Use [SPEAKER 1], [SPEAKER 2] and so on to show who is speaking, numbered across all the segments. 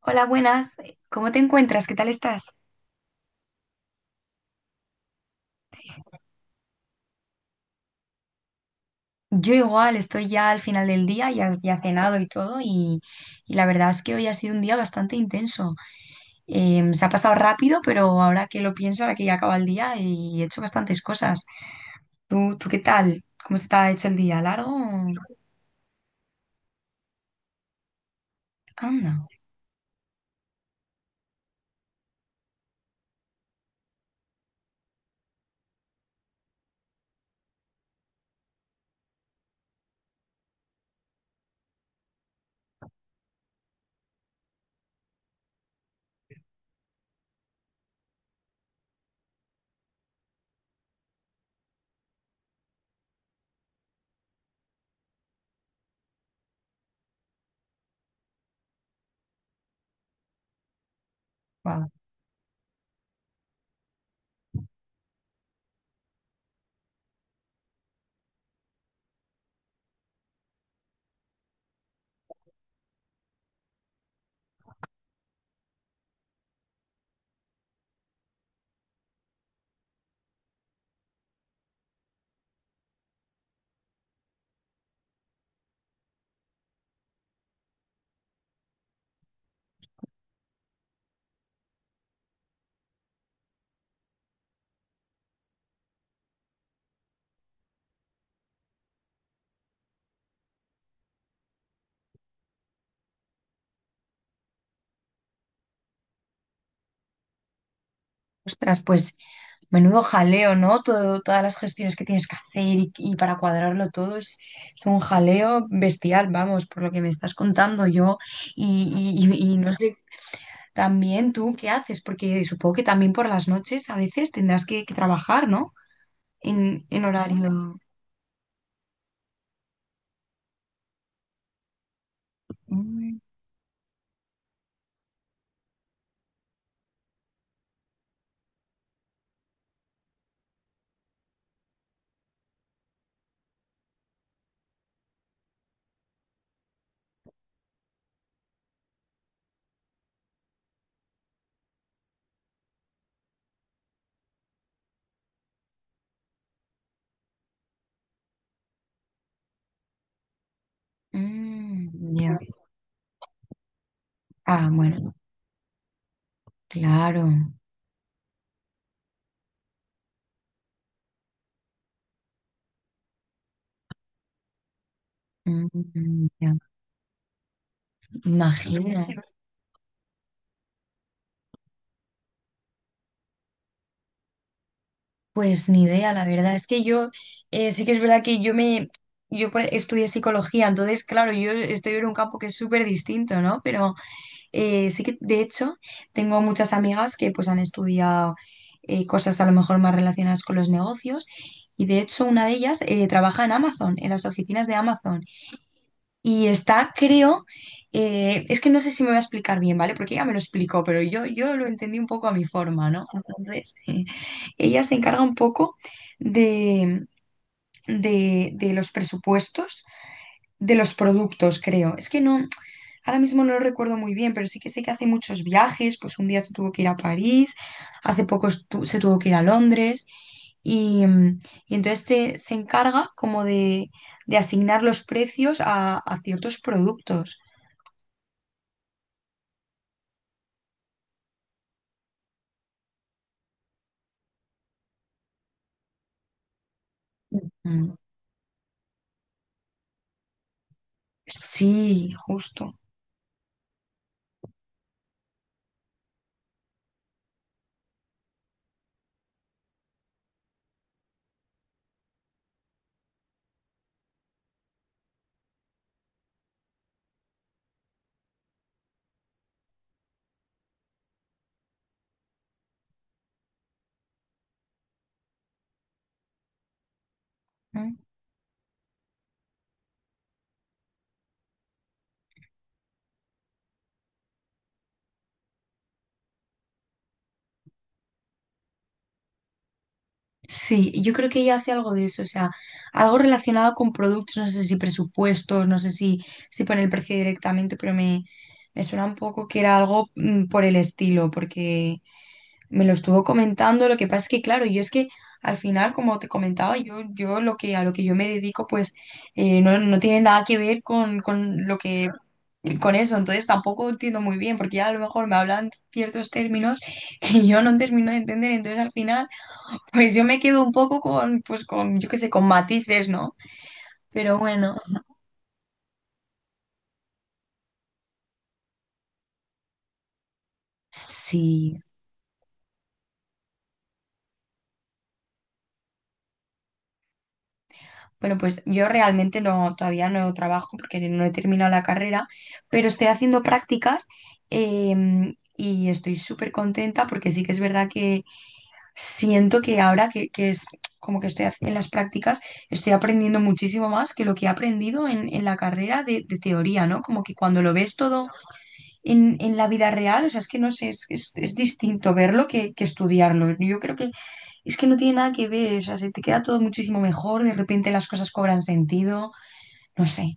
[SPEAKER 1] Hola, buenas. ¿Cómo te encuentras? ¿Qué tal estás? Yo igual, estoy ya al final del día, ya cenado y todo, y la verdad es que hoy ha sido un día bastante intenso. Se ha pasado rápido, pero ahora que lo pienso, ahora que ya acaba el día, y he hecho bastantes cosas. ¿Tú qué tal? ¿Cómo está hecho el día? ¿Largo? Anda. Wow. Ostras, pues menudo jaleo, ¿no? Todas las gestiones que tienes que hacer y para cuadrarlo todo es un jaleo bestial, vamos, por lo que me estás contando yo. Y no sé, también tú qué haces, porque supongo que también por las noches a veces tendrás que trabajar, ¿no? En horario. Mm, mm, ya. Ah, bueno, claro. Mm, ya. Imagino. Pues ni idea, la verdad. Es que yo, sí que es verdad que yo me, yo por- estudié psicología, entonces, claro, yo estoy en un campo que es súper distinto, ¿no? Pero sí que, de hecho, tengo muchas amigas que pues han estudiado cosas a lo mejor más relacionadas con los negocios y de hecho una de ellas trabaja en Amazon, en las oficinas de Amazon y está, creo, es que no sé si me voy a explicar bien, ¿vale? Porque ella me lo explicó, pero yo lo entendí un poco a mi forma, ¿no? Entonces ella se encarga un poco de, de los presupuestos de los productos, creo. Es que no, ahora mismo no lo recuerdo muy bien, pero sí que sé que hace muchos viajes, pues un día se tuvo que ir a París, hace poco se tuvo que ir a Londres. Y, mm, y entonces se encarga como de asignar los precios a ciertos productos. Mm. Sí, justo. Mm. Sí, yo creo que ella hace algo de eso, o sea, algo relacionado con productos, no sé si presupuestos, no sé si pone el precio directamente, pero me suena un poco que era algo por el estilo, porque me lo estuvo comentando, lo que pasa es que, claro, yo es que al final, como te comentaba, yo lo que, a lo que yo me dedico, pues no tiene nada que ver con lo que con eso, entonces tampoco entiendo muy bien, porque ya a lo mejor me hablan ciertos términos que yo no termino de entender, entonces al final, pues yo me quedo un poco pues con, yo qué sé, con matices, ¿no? Pero bueno, sí. Bueno, pues yo realmente no, todavía no trabajo porque no he terminado la carrera, pero estoy haciendo prácticas y estoy súper contenta porque sí que es verdad que siento que ahora que es como que en las prácticas, estoy aprendiendo muchísimo más que lo que he aprendido en la carrera de teoría, ¿no? Como que cuando lo ves todo en la vida real, o sea, es que no sé, es distinto verlo que estudiarlo. Yo creo que es que no tiene nada que ver, o sea, se te queda todo muchísimo mejor, de repente las cosas cobran sentido, no sé,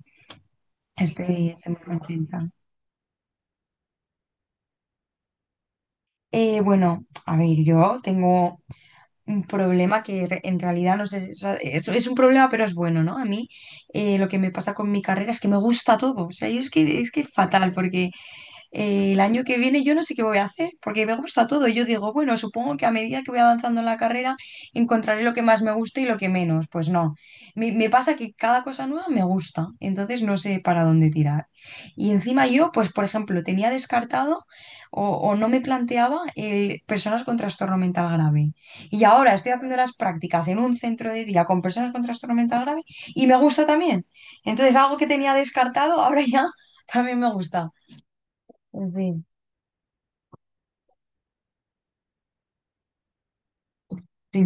[SPEAKER 1] estoy muy contenta. Bueno, a ver, yo tengo un problema en realidad no sé, o sea, es un problema, pero es bueno, ¿no? A mí lo que me pasa con mi carrera es que me gusta todo, o sea, yo es que es fatal porque el año que viene yo no sé qué voy a hacer, porque me gusta todo. Yo digo, bueno, supongo que a medida que voy avanzando en la carrera encontraré lo que más me gusta y lo que menos. Pues no, me pasa que cada cosa nueva me gusta, entonces no sé para dónde tirar. Y encima yo, pues por ejemplo, tenía descartado o no me planteaba personas con trastorno mental grave. Y ahora estoy haciendo las prácticas en un centro de día con personas con trastorno mental grave y me gusta también. Entonces algo que tenía descartado ahora ya también me gusta. En fin. Sí,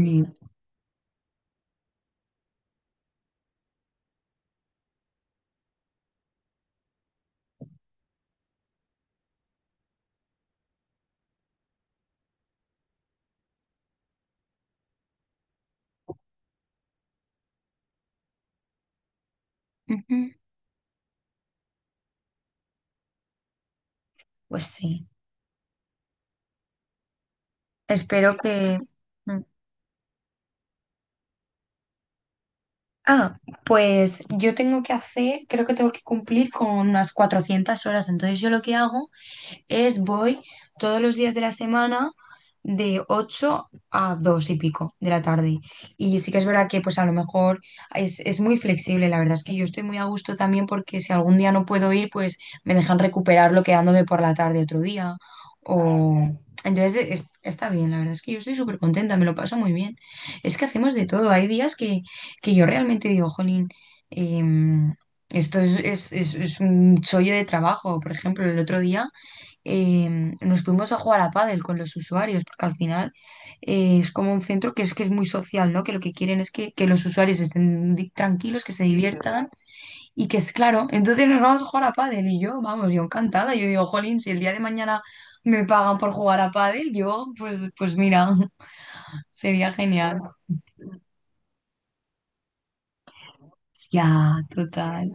[SPEAKER 1] ujú. Pues sí. Espero que... Mm. Ah, pues yo tengo que hacer, creo que tengo que cumplir con unas 400 horas. Entonces yo lo que hago es voy todos los días de la semana de 8 a 2 y pico de la tarde. Y sí que es verdad que pues a lo mejor es muy flexible, la verdad es que yo estoy muy a gusto también porque si algún día no puedo ir, pues me dejan recuperarlo quedándome por la tarde otro día. O... Entonces está bien, la verdad es que yo estoy súper contenta, me lo paso muy bien. Es que hacemos de todo, hay días que yo realmente digo, jolín, em, esto es un chollo de trabajo. Por ejemplo, el otro día eh, nos fuimos a jugar a pádel con los usuarios, porque al final es como un centro que es muy social, ¿no? Que lo que quieren es que los usuarios estén tranquilos, que se diviertan y que es claro. Entonces nos vamos a jugar a pádel y yo, vamos, yo encantada. Yo digo, jolín, si el día de mañana me pagan por jugar a pádel, yo, pues mira, sería genial. Ya, total.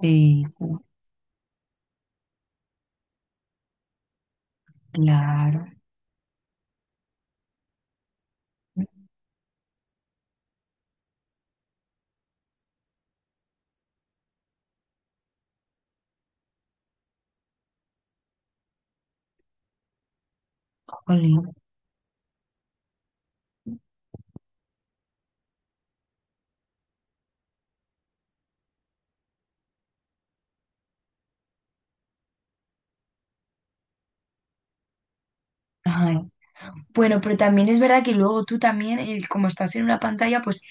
[SPEAKER 1] Sí, sí, claro. Jolín. Ay, bueno, pero también es verdad que luego tú también, como estás en una pantalla, pues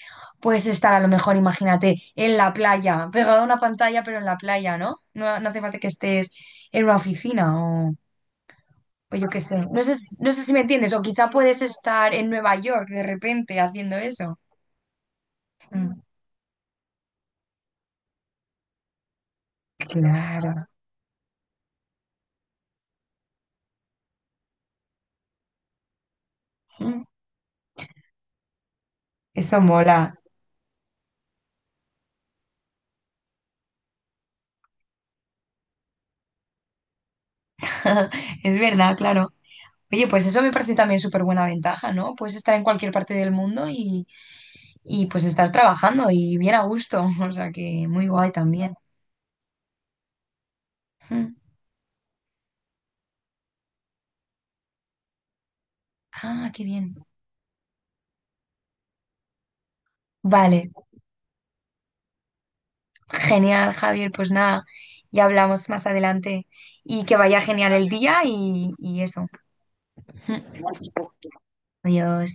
[SPEAKER 1] puedes estar a lo mejor, imagínate, en la playa, pegado a una pantalla, pero en la playa, ¿no? No, no hace falta que estés en una oficina o yo qué sé. No sé, no sé si me entiendes, o quizá puedes estar en Nueva York de repente haciendo eso. Mm, claro, mm, eso mola. Es verdad, claro. Oye, pues eso me parece también súper buena ventaja, ¿no? Puedes estar en cualquier parte del mundo y pues estar trabajando y bien a gusto. O sea que muy guay también. Mm. Ah, qué bien. Vale, genial, Javier. Pues nada, ya hablamos más adelante y que vaya genial el día y eso. Adiós.